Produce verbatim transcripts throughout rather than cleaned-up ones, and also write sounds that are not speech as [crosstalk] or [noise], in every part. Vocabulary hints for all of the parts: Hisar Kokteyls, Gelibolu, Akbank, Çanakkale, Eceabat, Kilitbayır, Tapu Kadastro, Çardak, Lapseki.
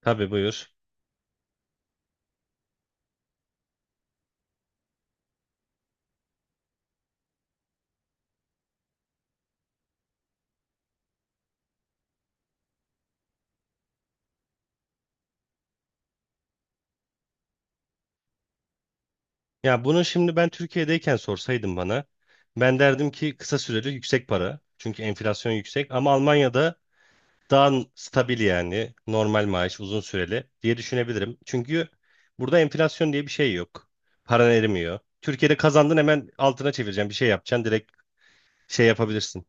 Tabii buyur. Ya bunu şimdi ben Türkiye'deyken sorsaydım bana, ben derdim ki kısa süreli yüksek para. Çünkü enflasyon yüksek, ama Almanya'da daha stabil, yani normal maaş uzun süreli diye düşünebilirim. Çünkü burada enflasyon diye bir şey yok. Paran erimiyor. Türkiye'de kazandın, hemen altına çevireceğim bir şey yapacaksın, direkt şey yapabilirsin.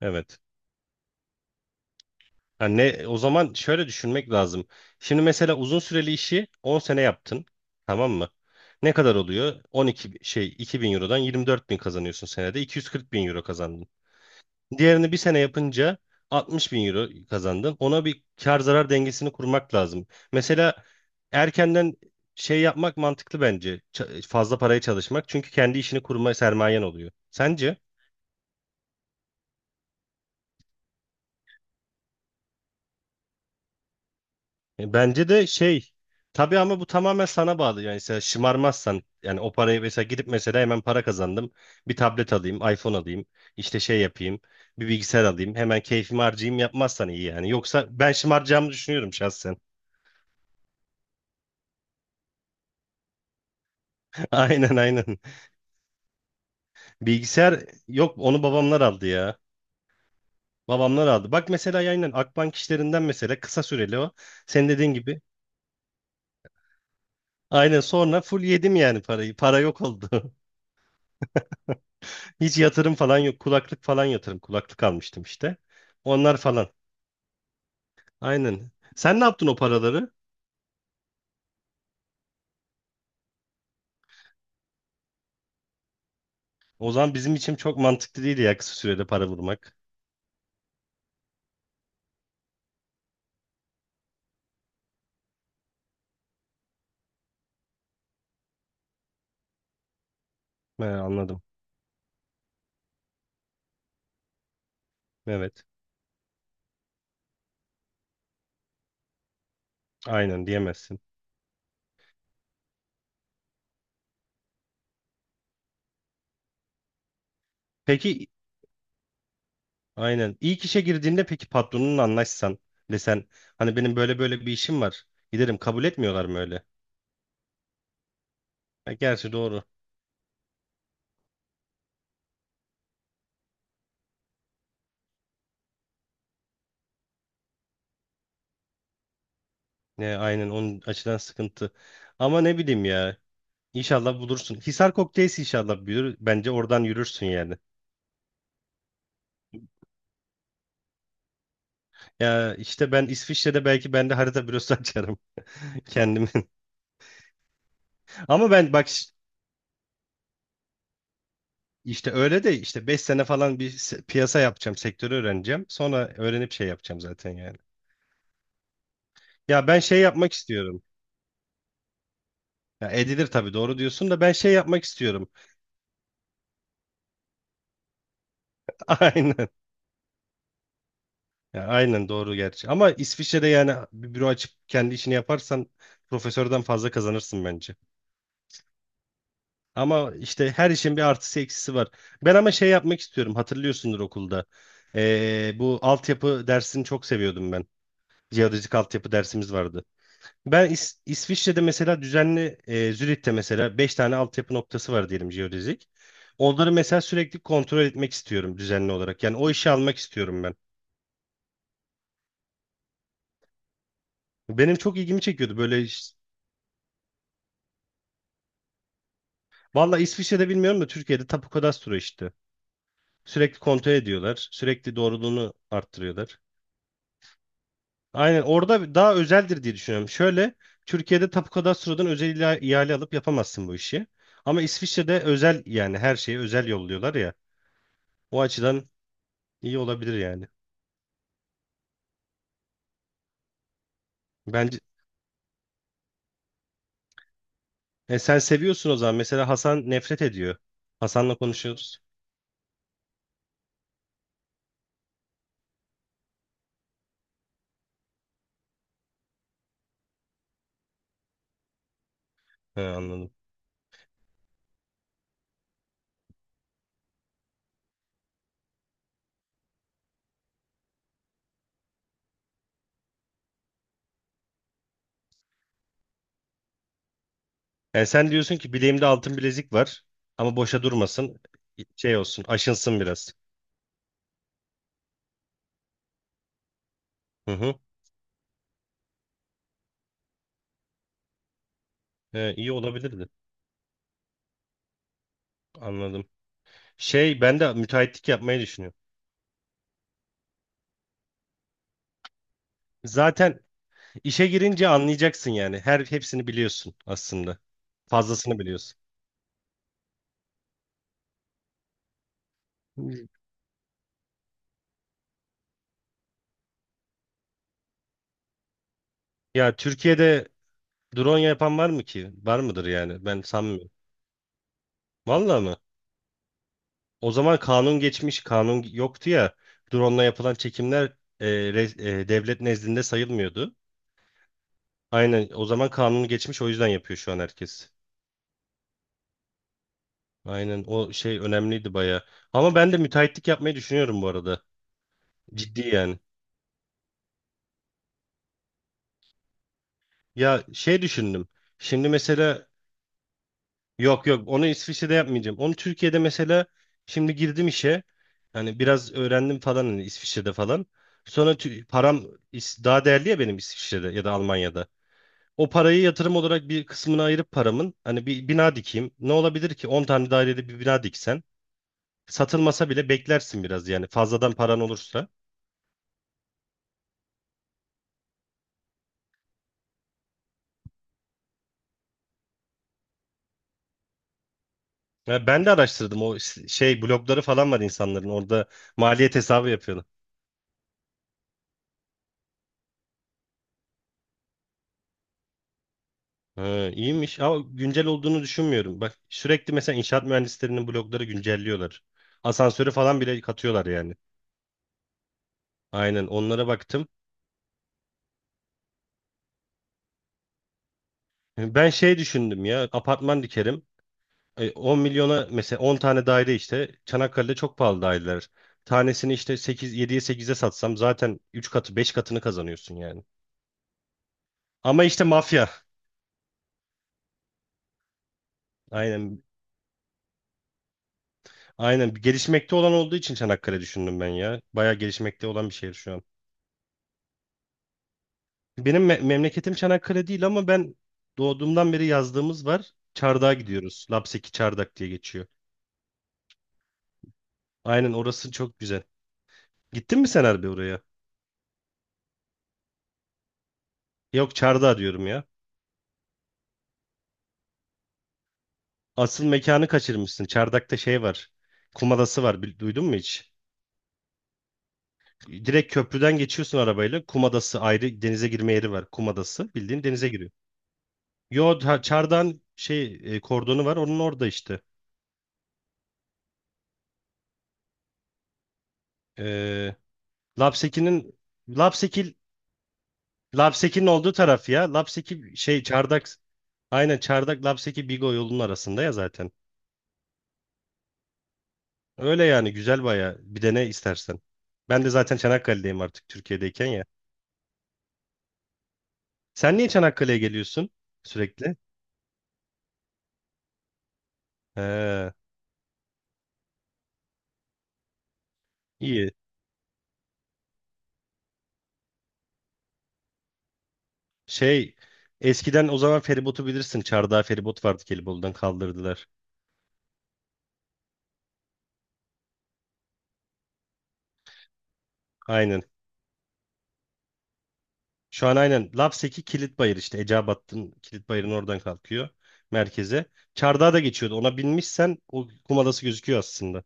Evet. Yani ne, o zaman şöyle düşünmek lazım. Şimdi mesela uzun süreli işi on sene yaptın. Tamam mı? Ne kadar oluyor? 12 bi- Şey, iki bin Euro'dan yirmi dört bin kazanıyorsun senede. iki yüz kırk bin Euro kazandın. Diğerini bir sene yapınca altmış bin Euro kazandın. Ona bir kar zarar dengesini kurmak lazım. Mesela erkenden şey yapmak mantıklı bence. Ç- fazla paraya çalışmak. Çünkü kendi işini kurma sermayen oluyor. Sence? E, Bence de şey, tabii ama bu tamamen sana bağlı. Yani mesela şımarmazsan, yani o parayı mesela gidip mesela hemen para kazandım. Bir tablet alayım, iPhone alayım, işte şey yapayım, bir bilgisayar alayım. Hemen keyfimi harcayayım yapmazsan iyi yani. Yoksa ben şımaracağımı düşünüyorum şahsen. [laughs] Aynen, aynen. Bilgisayar yok, onu babamlar aldı ya. Babamlar aldı. Bak mesela aynen Akbank işlerinden, mesela kısa süreli o. Senin dediğin gibi. Aynen, sonra full yedim yani parayı. Para yok oldu. [laughs] Hiç yatırım falan yok. Kulaklık falan yatırım. Kulaklık almıştım işte. Onlar falan. Aynen. Sen ne yaptın o paraları? O zaman bizim için çok mantıklı değil ya kısa sürede para vurmak. He, anladım. Evet. Aynen diyemezsin. Peki, aynen. İlk işe girdiğinde peki patronunla anlaşsan, desen hani benim böyle böyle bir işim var. Giderim, kabul etmiyorlar mı öyle? Ha, gerçi doğru. Ne, aynen onun açıdan sıkıntı. Ama ne bileyim ya. İnşallah bulursun. Hisar Kokteyls inşallah büyür. Bence oradan yürürsün yani. Ya işte ben İsviçre'de belki ben de harita bürosu [laughs] açarım kendimin. Ama ben bak, ş- işte öyle de, işte beş sene falan bir se- piyasa yapacağım, sektörü öğreneceğim. Sonra öğrenip şey yapacağım zaten yani. Ya ben şey yapmak istiyorum. Ya edilir tabii, doğru diyorsun da ben şey yapmak istiyorum. [laughs] Aynen. Ya aynen doğru gerçi. Ama İsviçre'de yani bir büro açıp kendi işini yaparsan, profesörden fazla kazanırsın bence. Ama işte her işin bir artısı eksisi var. Ben ama şey yapmak istiyorum. Hatırlıyorsundur okulda. Ee, bu altyapı dersini çok seviyordum ben. Jeodezik altyapı dersimiz vardı. Ben İs- İsviçre'de mesela düzenli, e, Zürich'te mesela beş tane altyapı noktası var diyelim, jeodezik. Onları mesela sürekli kontrol etmek istiyorum düzenli olarak. Yani o işi almak istiyorum ben. Benim çok ilgimi çekiyordu böyle iş- Valla İsviçre'de bilmiyorum da Türkiye'de Tapu Kadastro işte. Sürekli kontrol ediyorlar. Sürekli doğruluğunu arttırıyorlar. Aynen, orada daha özeldir diye düşünüyorum. Şöyle, Türkiye'de tapu kadastrodan özel ila- ihale alıp yapamazsın bu işi. Ama İsviçre'de özel, yani her şeyi özel yolluyorlar ya. O açıdan iyi olabilir yani. Bence e, sen seviyorsun o zaman. Mesela Hasan nefret ediyor. Hasan'la konuşuyoruz. He, anladım. Yani sen diyorsun ki bileğimde altın bilezik var ama boşa durmasın. Şey olsun, aşınsın biraz. Hı hı. He, iyi olabilirdi. Anladım. Şey, ben de müteahhitlik yapmayı düşünüyorum. Zaten İşe girince anlayacaksın yani. Her hepsini biliyorsun aslında. Fazlasını biliyorsun. Hmm. Ya Türkiye'de drone yapan var mı ki? Var mıdır yani? Ben sanmıyorum. Vallahi mı? O zaman kanun geçmiş, kanun yoktu ya. Drone'la yapılan çekimler e, re- e, devlet nezdinde sayılmıyordu. Aynen, o zaman kanunu geçmiş, o yüzden yapıyor şu an herkes. Aynen, o şey önemliydi baya. Ama ben de müteahhitlik yapmayı düşünüyorum bu arada. Ciddi yani. Ya şey düşündüm. Şimdi mesela. Yok, yok, onu İsviçre'de yapmayacağım. Onu Türkiye'de mesela şimdi girdim işe. Hani biraz öğrendim falan hani İsviçre'de falan. Sonra tü- param, is- daha değerli ya benim, İsviçre'de ya da Almanya'da. O parayı yatırım olarak bir kısmını ayırıp paramın, hani bir bina dikeyim. Ne olabilir ki, on tane dairede bir bina diksen satılmasa bile beklersin biraz yani, fazladan paran olursa. Ya ben de araştırdım, o s- şey blogları falan var, insanların, orada maliyet hesabı yapıyorlar. Ha, iyiymiş ama güncel olduğunu düşünmüyorum. Bak, sürekli mesela inşaat mühendislerinin blogları güncelliyorlar. Asansörü falan bile katıyorlar yani. Aynen, onlara baktım. Ben şey düşündüm ya, apartman dikerim. E, on milyona mesela on tane daire, işte Çanakkale'de çok pahalı daireler. Tanesini işte 8 yediye sekize satsam zaten üç katı, beş katını kazanıyorsun yani. Ama işte mafya. Aynen. Aynen, gelişmekte olan olduğu için Çanakkale düşündüm ben ya. Bayağı gelişmekte olan bir şehir şu an. Benim me- memleketim Çanakkale değil, ama ben doğduğumdan beri yazdığımız var. Çardak'a gidiyoruz. Lapseki Çardak diye geçiyor. Aynen, orası çok güzel. Gittin mi sen harbi oraya? Yok, Çardak'a diyorum ya. Asıl mekanı kaçırmışsın. Çardak'ta şey var. Kum adası var. Bil- Duydun mu hiç? Direkt köprüden geçiyorsun arabayla. Kum adası ayrı, denize girme yeri var. Kum adası, bildiğin denize giriyor. Yo, ta- Çardak'ın şey, e, kordonu var. Onun orada işte. Ee, Lapseki'nin Lapseki Lapseki'nin olduğu taraf ya. Lapseki şey Çardak. Aynen, Çardak Lapseki Bigo yolunun arasında ya zaten. Öyle yani, güzel baya. Bir de ne istersen. Ben de zaten Çanakkale'deyim artık, Türkiye'deyken ya. Sen niye Çanakkale'ye geliyorsun sürekli? He, iyi. Şey, eskiden o zaman feribotu bilirsin. Çardağ feribot vardı, Gelibolu'dan kaldırdılar. Aynen. Şu an aynen Lapseki Kilitbayır, işte Eceabat'ın Kilitbayır'ın oradan kalkıyor merkeze. Çardağa da geçiyordu. Ona binmişsen o kum adası gözüküyor aslında.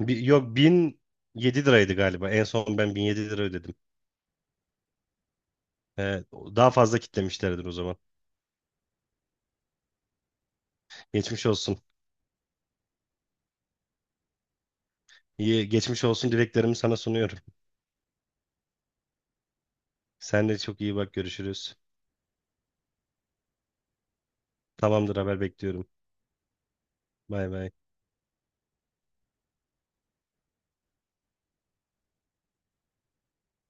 Bi- yok bin yedi liraydı galiba. En son ben bin yedi lira ödedim. Ee, Daha fazla kitlemişlerdir o zaman. Geçmiş olsun. İyi, geçmiş olsun dileklerimi sana sunuyorum. Sen de çok iyi bak, görüşürüz. Tamamdır, haber bekliyorum. Bay bay.